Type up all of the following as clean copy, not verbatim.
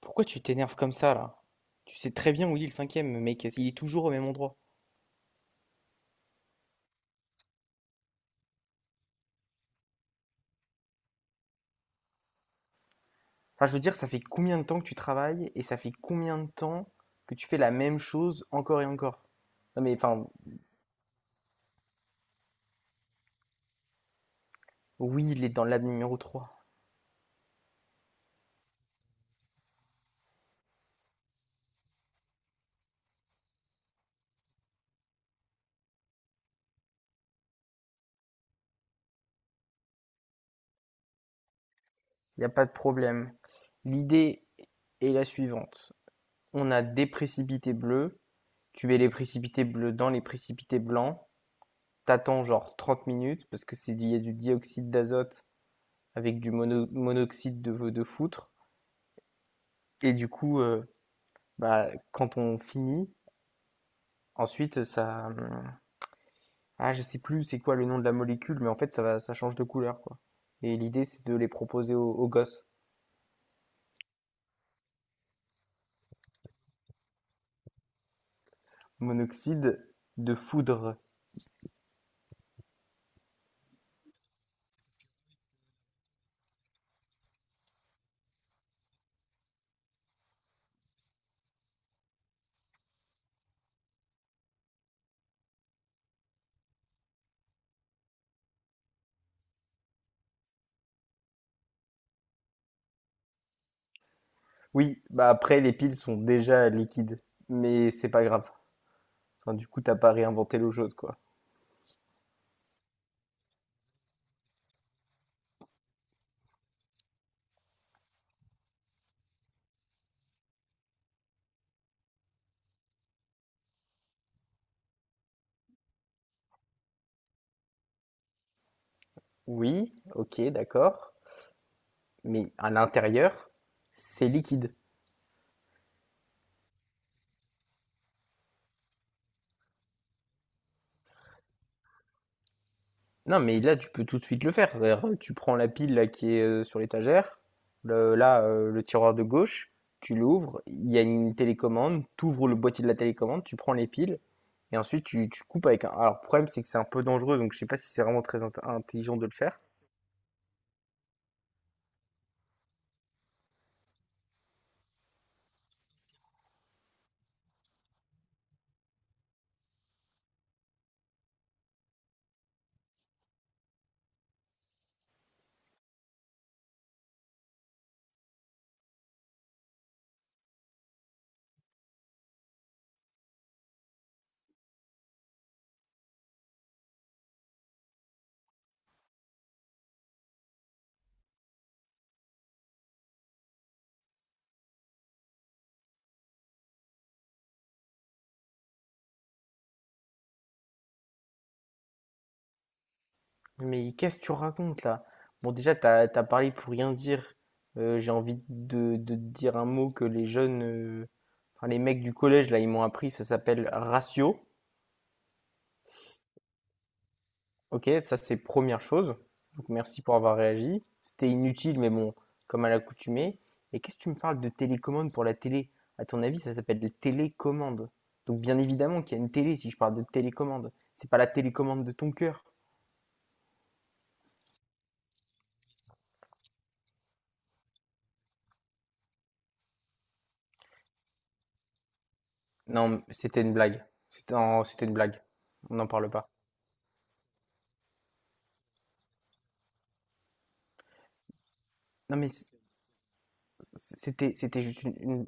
Pourquoi tu t'énerves comme ça là? Tu sais très bien où il est le cinquième, mec, il est toujours au même endroit. Enfin, je veux dire, ça fait combien de temps que tu travailles et ça fait combien de temps que tu fais la même chose encore et encore? Non mais enfin, oui, il est dans l'ab numéro trois. Il n'y a pas de problème. L'idée est la suivante. On a des précipités bleus. Tu mets les précipités bleus dans les précipités blancs. T'attends genre 30 minutes parce que il y a du dioxyde d'azote avec du monoxyde de foutre. Et du coup, bah, quand on finit, ensuite ça, ah, je sais plus c'est quoi le nom de la molécule, mais en fait ça va, ça change de couleur quoi. Et l'idée c'est de les proposer aux gosses. Monoxyde de foudre. Oui, bah après les piles sont déjà liquides, mais c'est pas grave. Enfin, du coup t'as pas réinventé l'eau chaude quoi. Oui, ok, d'accord, mais à l'intérieur c'est liquide. Non, mais là, tu peux tout de suite le faire. C'est-à-dire, tu prends la pile là, qui est sur l'étagère, là, le tiroir de gauche, tu l'ouvres, il y a une télécommande, tu ouvres le boîtier de la télécommande, tu prends les piles, et ensuite tu coupes avec un... Alors, le problème, c'est que c'est un peu dangereux, donc je sais pas si c'est vraiment très intelligent de le faire. Mais qu'est-ce que tu racontes là? Bon, déjà, t'as parlé pour rien dire. J'ai envie de te dire un mot que les jeunes, enfin, les mecs du collège, là, ils m'ont appris, ça s'appelle ratio. OK, ça c'est première chose. Donc merci pour avoir réagi. C'était inutile, mais bon, comme à l'accoutumée. Et qu'est-ce que tu me parles de télécommande pour la télé? À ton avis, ça s'appelle la télécommande. Donc bien évidemment qu'il y a une télé si je parle de télécommande. C'est pas la télécommande de ton cœur. Non, mais c'était une blague. C'était non, c'était une blague. On n'en parle pas. Non, mais c'était juste une.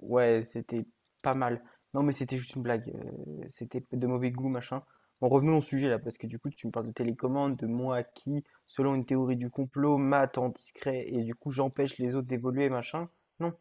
Ouais, c'était pas mal. Non, mais c'était juste une blague. C'était de mauvais goût, machin. Bon, revenons au sujet là, parce que du coup, tu me parles de télécommande, de moi qui, selon une théorie du complot, mate en discret et du coup, j'empêche les autres d'évoluer, machin. Non.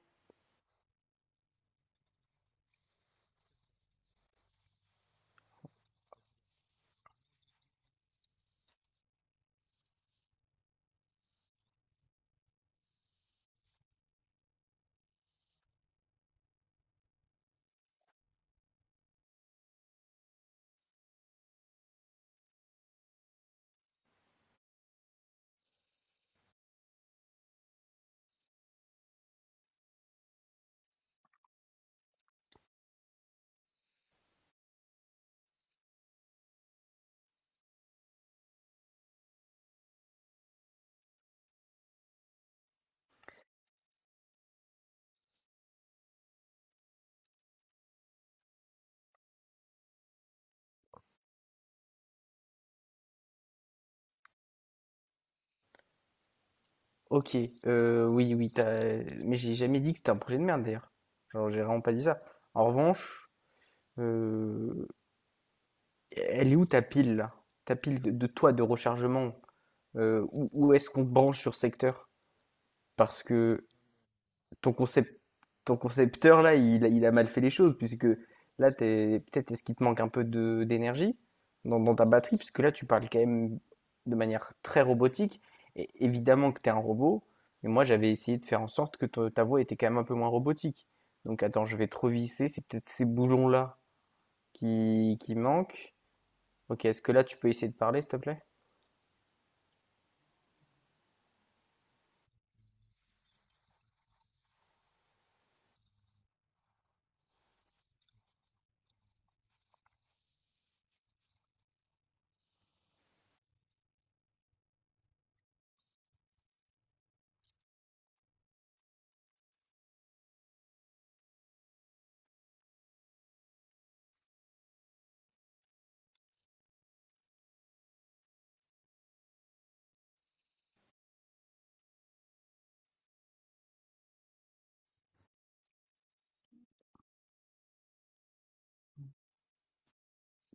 Ok, oui, oui. mais j'ai jamais dit que c'était un projet de merde d'ailleurs. Genre, j'ai vraiment pas dit ça. En revanche, euh, elle est où ta pile là? Ta pile de toi de rechargement? Où est-ce qu'on te branche sur secteur? Parce que ton concept, ton concepteur là, il a mal fait les choses puisque là, t'es, peut-être est-ce qu'il te manque un peu d'énergie dans ta batterie puisque là, tu parles quand même de manière très robotique et évidemment que t'es un robot. Mais moi, j'avais essayé de faire en sorte que ta voix était quand même un peu moins robotique. Donc attends, je vais trop visser, c'est peut-être ces boulons là qui manquent. Ok, est-ce que là, tu peux essayer de parler, s'il te plaît?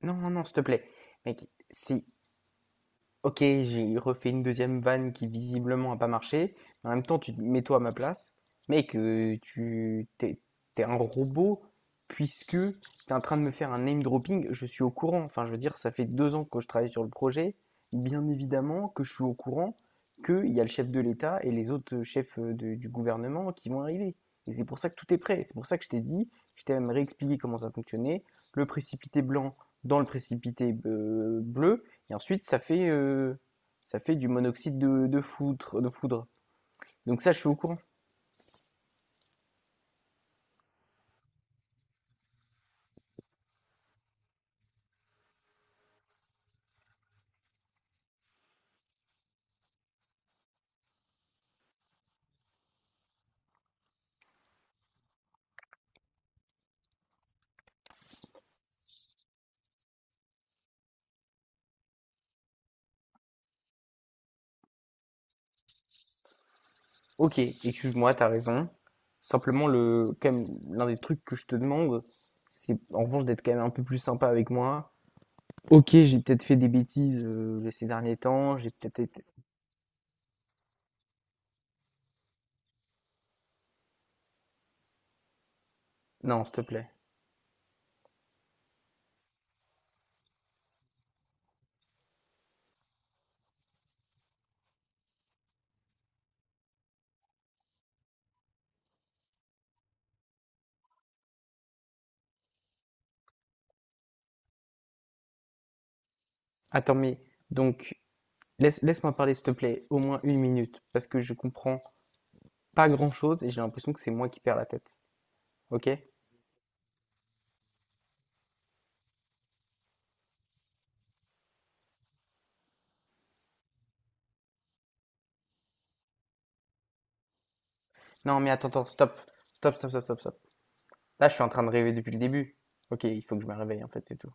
Non, non, non, s'il te plaît. Mec, c'est OK, j'ai refait une deuxième vanne qui visiblement a pas marché. En même temps, tu te mets-toi à ma place. Mec, tu es un robot puisque t'es en train de me faire un name dropping, je suis au courant. Enfin, je veux dire, ça fait 2 ans que je travaille sur le projet. Bien évidemment que je suis au courant qu'il y a le chef de l'État et les autres, chefs, de du gouvernement qui vont arriver et c'est pour ça que tout est prêt. C'est pour ça que je t'ai dit, je t'ai même réexpliqué comment ça fonctionnait. Le précipité blanc dans le précipité, bleu et ensuite, ça fait du monoxyde de foudre. Donc ça, je suis au courant. Ok, excuse-moi, t'as raison. Simplement, quand même, l'un des trucs que je te demande, c'est en revanche d'être quand même un peu plus sympa avec moi. Ok, j'ai peut-être fait des bêtises ces derniers temps, j'ai peut-être été... Non, s'il te plaît. Attends, mais donc, laisse-moi parler, s'il te plaît, au moins une minute, parce que je comprends pas grand-chose et j'ai l'impression que c'est moi qui perds la tête. Ok? Non, mais attends, attends, stop. Stop, stop, stop, stop, stop. Là, je suis en train de rêver depuis le début. Ok, il faut que je me réveille, en fait, c'est tout.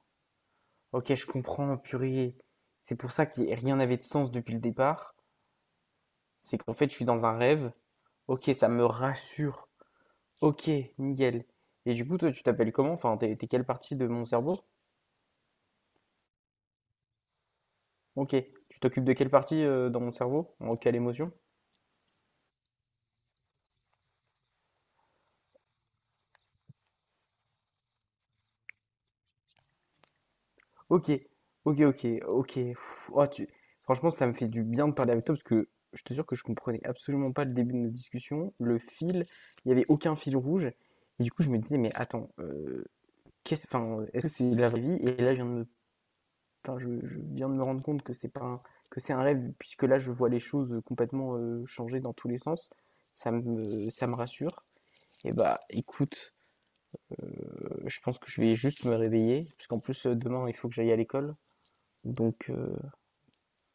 Ok, je comprends, purée. C'est pour ça que rien n'avait de sens depuis le départ. C'est qu'en fait, je suis dans un rêve. Ok, ça me rassure. Ok, nickel. Et du coup, toi, tu t'appelles comment? Enfin, t'es quelle partie de mon cerveau? Ok. Tu t'occupes de quelle partie dans mon cerveau? En quelle émotion? OK. OK, OK, OK. Pff, oh, tu... Franchement, ça me fait du bien de parler avec toi parce que je te jure que je comprenais absolument pas le début de notre discussion. Le fil, il n'y avait aucun fil rouge. Et du coup, je me disais, mais attends, enfin, est-ce que c'est la vraie vie? Et là, je viens de me, je viens de me rendre compte que c'est pas un- que c'est un rêve, puisque là, je vois les choses complètement changer dans tous les sens. Ça me rassure. Et bah, écoute, euh, je pense que je vais juste me réveiller, parce qu'en plus, demain, il faut que j'aille à l'école. Donc,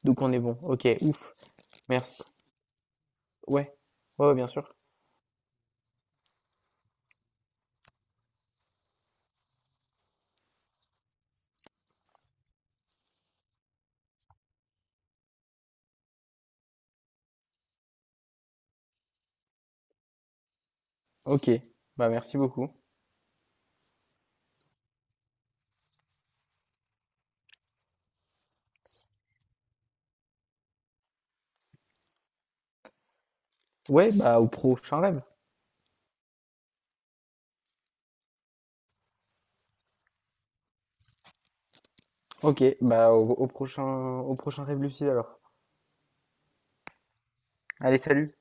donc on est bon. OK, ouf. Merci. Ouais. Ouais, ouais, bien sûr. OK. Bah merci beaucoup. Ouais, bah au prochain rêve. OK, bah au prochain rêve lucide alors. Allez, salut.